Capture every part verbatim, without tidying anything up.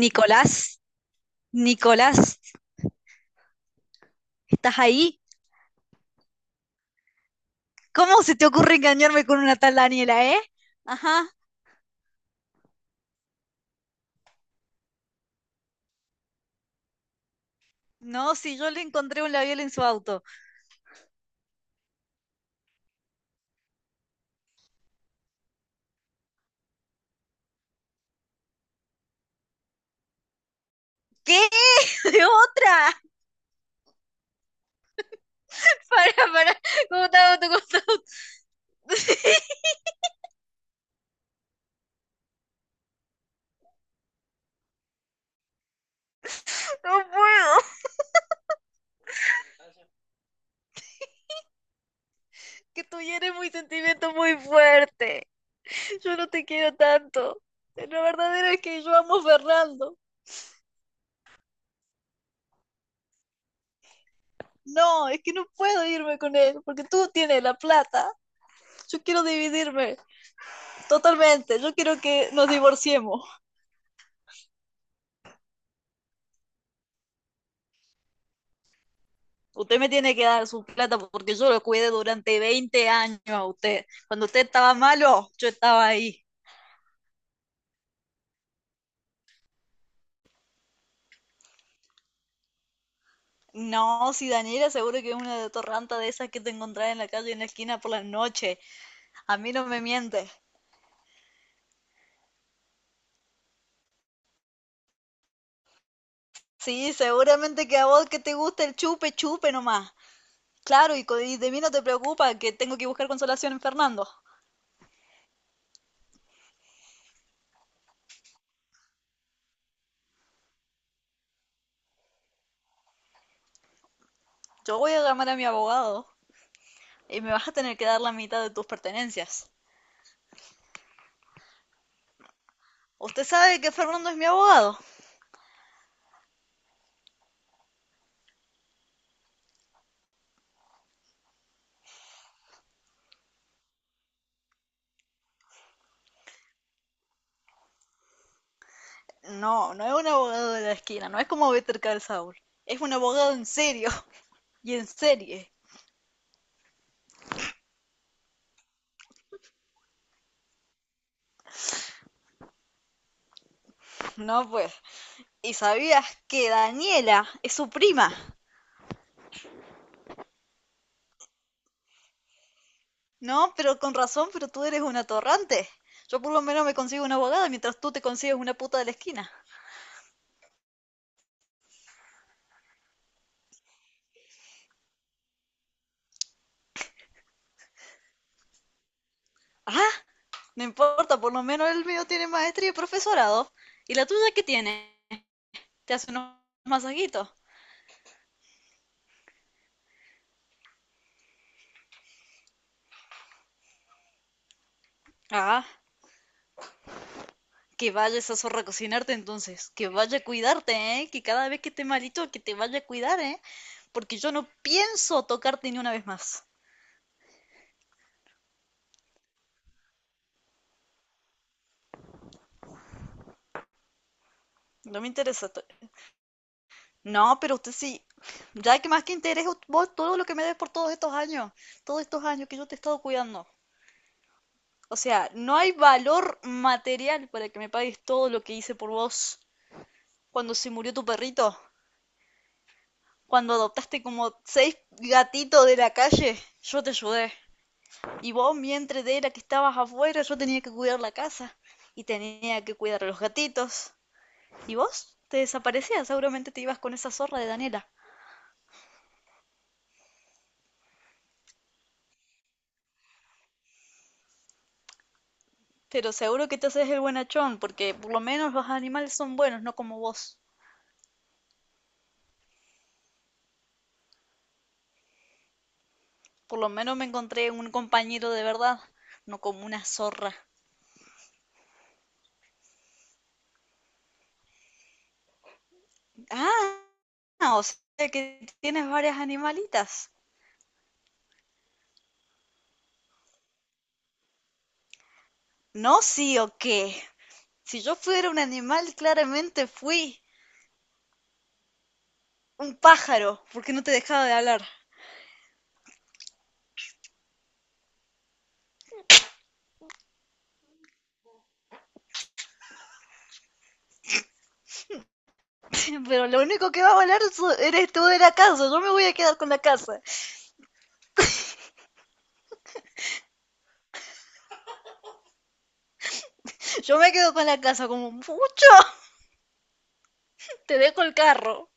Nicolás, Nicolás, ¿estás ahí? ¿Cómo se te ocurre engañarme con una tal Daniela, eh? Ajá. No, si yo le encontré un labial en su auto. ¿Qué? ¿De otra? Para, para. ¿Cómo está auto? ¿Cómo está auto? No puedo. Que tú eres muy sentimiento muy fuerte. Yo no te quiero tanto. La verdadera es que yo amo a Fernando. No, es que no puedo irme con él porque tú tienes la plata. Yo quiero dividirme totalmente. Yo quiero que nos divorciemos. Usted me tiene que dar su plata porque yo lo cuidé durante veinte años a usted. Cuando usted estaba malo, yo estaba ahí. No, si Daniela seguro que es una de torranta de esas que te encontrás en la calle en la esquina por las noches. A mí no me mientes. Sí, seguramente que a vos que te gusta el chupe, chupe nomás. Claro, y, co- y de mí no te preocupa que tengo que buscar consolación en Fernando. Yo voy a llamar a mi abogado y me vas a tener que dar la mitad de tus pertenencias. Usted sabe que Fernando es mi abogado. No, no es un abogado de la esquina, no es como Better Call Saul. Es un abogado en serio y en serie. No, pues. ¿Y sabías que Daniela es su prima? No, pero con razón, pero tú eres un atorrante. Yo por lo menos me consigo una abogada mientras tú te consigues una puta de la esquina. Ah, no importa, por lo menos el mío tiene maestría y profesorado. ¿Y la tuya qué tiene? Te hace unos masajitos. Ah, que vaya esa zorra a cocinarte entonces, que vaya a cuidarte, ¿eh? Que cada vez que esté malito, que te vaya a cuidar, ¿eh? Porque yo no pienso tocarte ni una vez más. No me interesa. to- No, pero usted sí, ya que más que interés vos todo lo que me des por todos estos años, todos estos años que yo te he estado cuidando. O sea, no hay valor material para que me pagues todo lo que hice por vos cuando se murió tu perrito, cuando adoptaste como seis gatitos de la calle, yo te ayudé. Y vos, mientras de era que estabas afuera, yo tenía que cuidar la casa y tenía que cuidar a los gatitos. ¿Y vos? Te desaparecías, seguramente te ibas con esa zorra de Daniela. Pero seguro que te haces el buenachón, porque por lo menos los animales son buenos, no como vos. Por lo menos me encontré un compañero de verdad, no como una zorra. Ah, o sea que tienes varias animalitas. No, sí o qué. Si yo fuera un animal, claramente fui un pájaro, porque no te dejaba de hablar. Pero lo único que va a volar so- eres tú de la casa. Yo me voy a quedar con la casa. Yo me quedo con la casa como mucho. Te dejo el carro.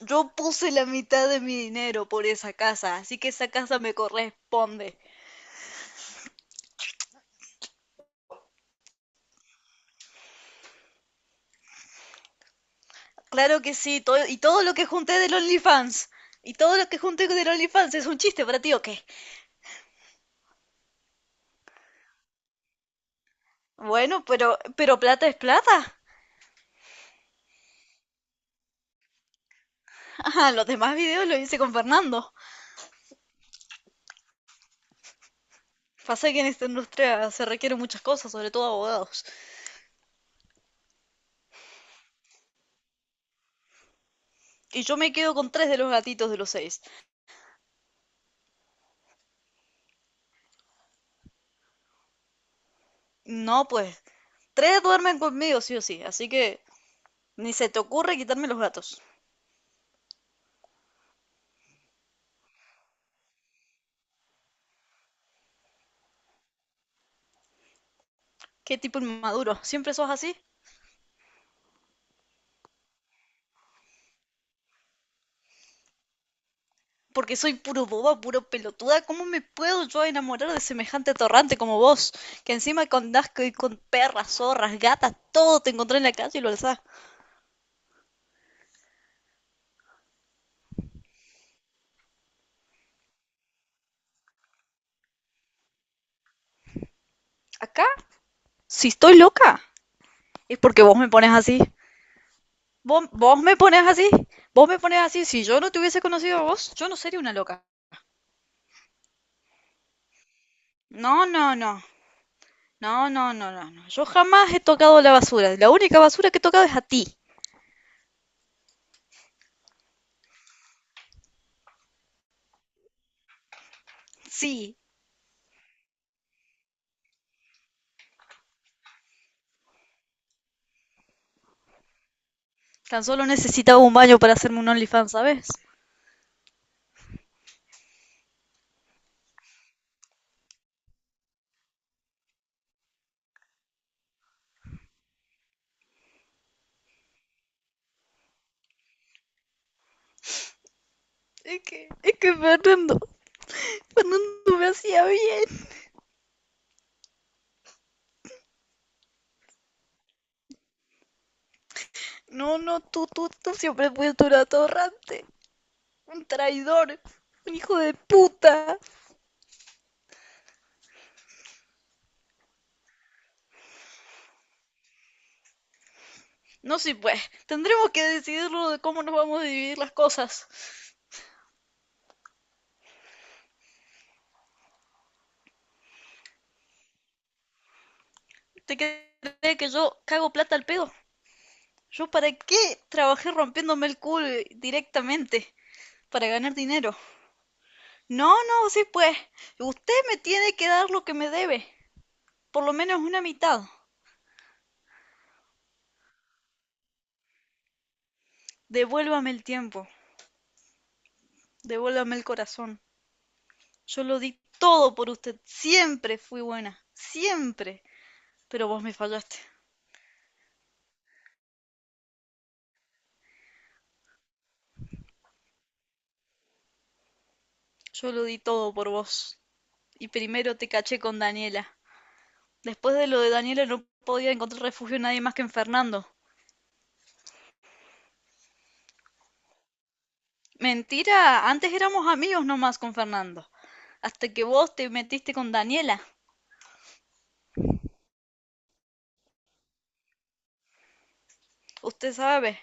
Yo puse la mitad de mi dinero por esa casa, así que esa casa me corresponde. Claro que sí, todo, y todo lo que junté del OnlyFans. Y todo lo que junté del OnlyFans es un chiste para ti, ¿o qué? Bueno, pero, pero plata es plata. Ah, los demás videos los hice con Fernando. Pasa que en esta industria se requieren muchas cosas, sobre todo abogados. Y yo me quedo con tres de los gatitos de los seis. No, pues, tres duermen conmigo, sí o sí. Así que ni se te ocurre quitarme los gatos. Qué tipo inmaduro. ¿Siempre sos así? Porque soy puro boba, puro pelotuda. ¿Cómo me puedo yo enamorar de semejante torrante como vos? Que encima con asco y con perras, zorras, gatas, todo te encontré en la calle y lo alzás. Acá, si estoy loca, es porque vos me pones así. ¿Vos, vos me pones así. Vos me pones así. Si yo no te hubiese conocido a vos, yo no sería una loca. No, no, no. No, no, no, no, no. Yo jamás he tocado la basura. La única basura que he tocado es a ti. Sí, tan solo necesitaba un baño para hacerme un OnlyFans, ¿sabes? Es que, es que Fernando, Fernando me hacía bien. No, no, tú, tú, tú siempre fuiste un atorrante, un traidor, un hijo de puta. No sé, pues, tendremos que decidirlo de cómo nos vamos a dividir las cosas. ¿Te crees que yo cago plata al pedo? ¿Yo para qué trabajé rompiéndome el culo directamente? Para ganar dinero. No, no, sí pues. Usted me tiene que dar lo que me debe. Por lo menos una mitad. Devuélvame el tiempo. Devuélvame el corazón. Yo lo di todo por usted. Siempre fui buena. Siempre. Pero vos me fallaste. Yo lo di todo por vos. Y primero te caché con Daniela. Después de lo de Daniela no podía encontrar refugio nadie más que en Fernando. Mentira, antes éramos amigos nomás con Fernando. Hasta que vos te metiste con Daniela. Usted sabe,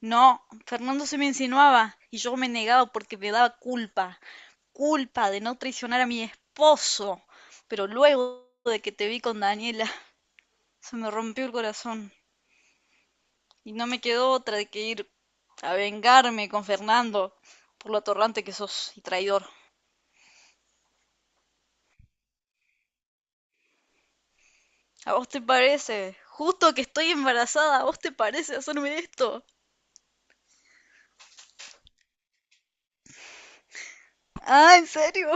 no, Fernando se me insinuaba y yo me negaba porque me daba culpa, culpa de no traicionar a mi esposo. Pero luego de que te vi con Daniela, se me rompió el corazón y no me quedó otra de que ir a vengarme con Fernando por lo atorrante que sos y traidor. ¿A vos te parece? Justo que estoy embarazada, ¿a vos te parece hacerme esto? Ah, ¿en serio?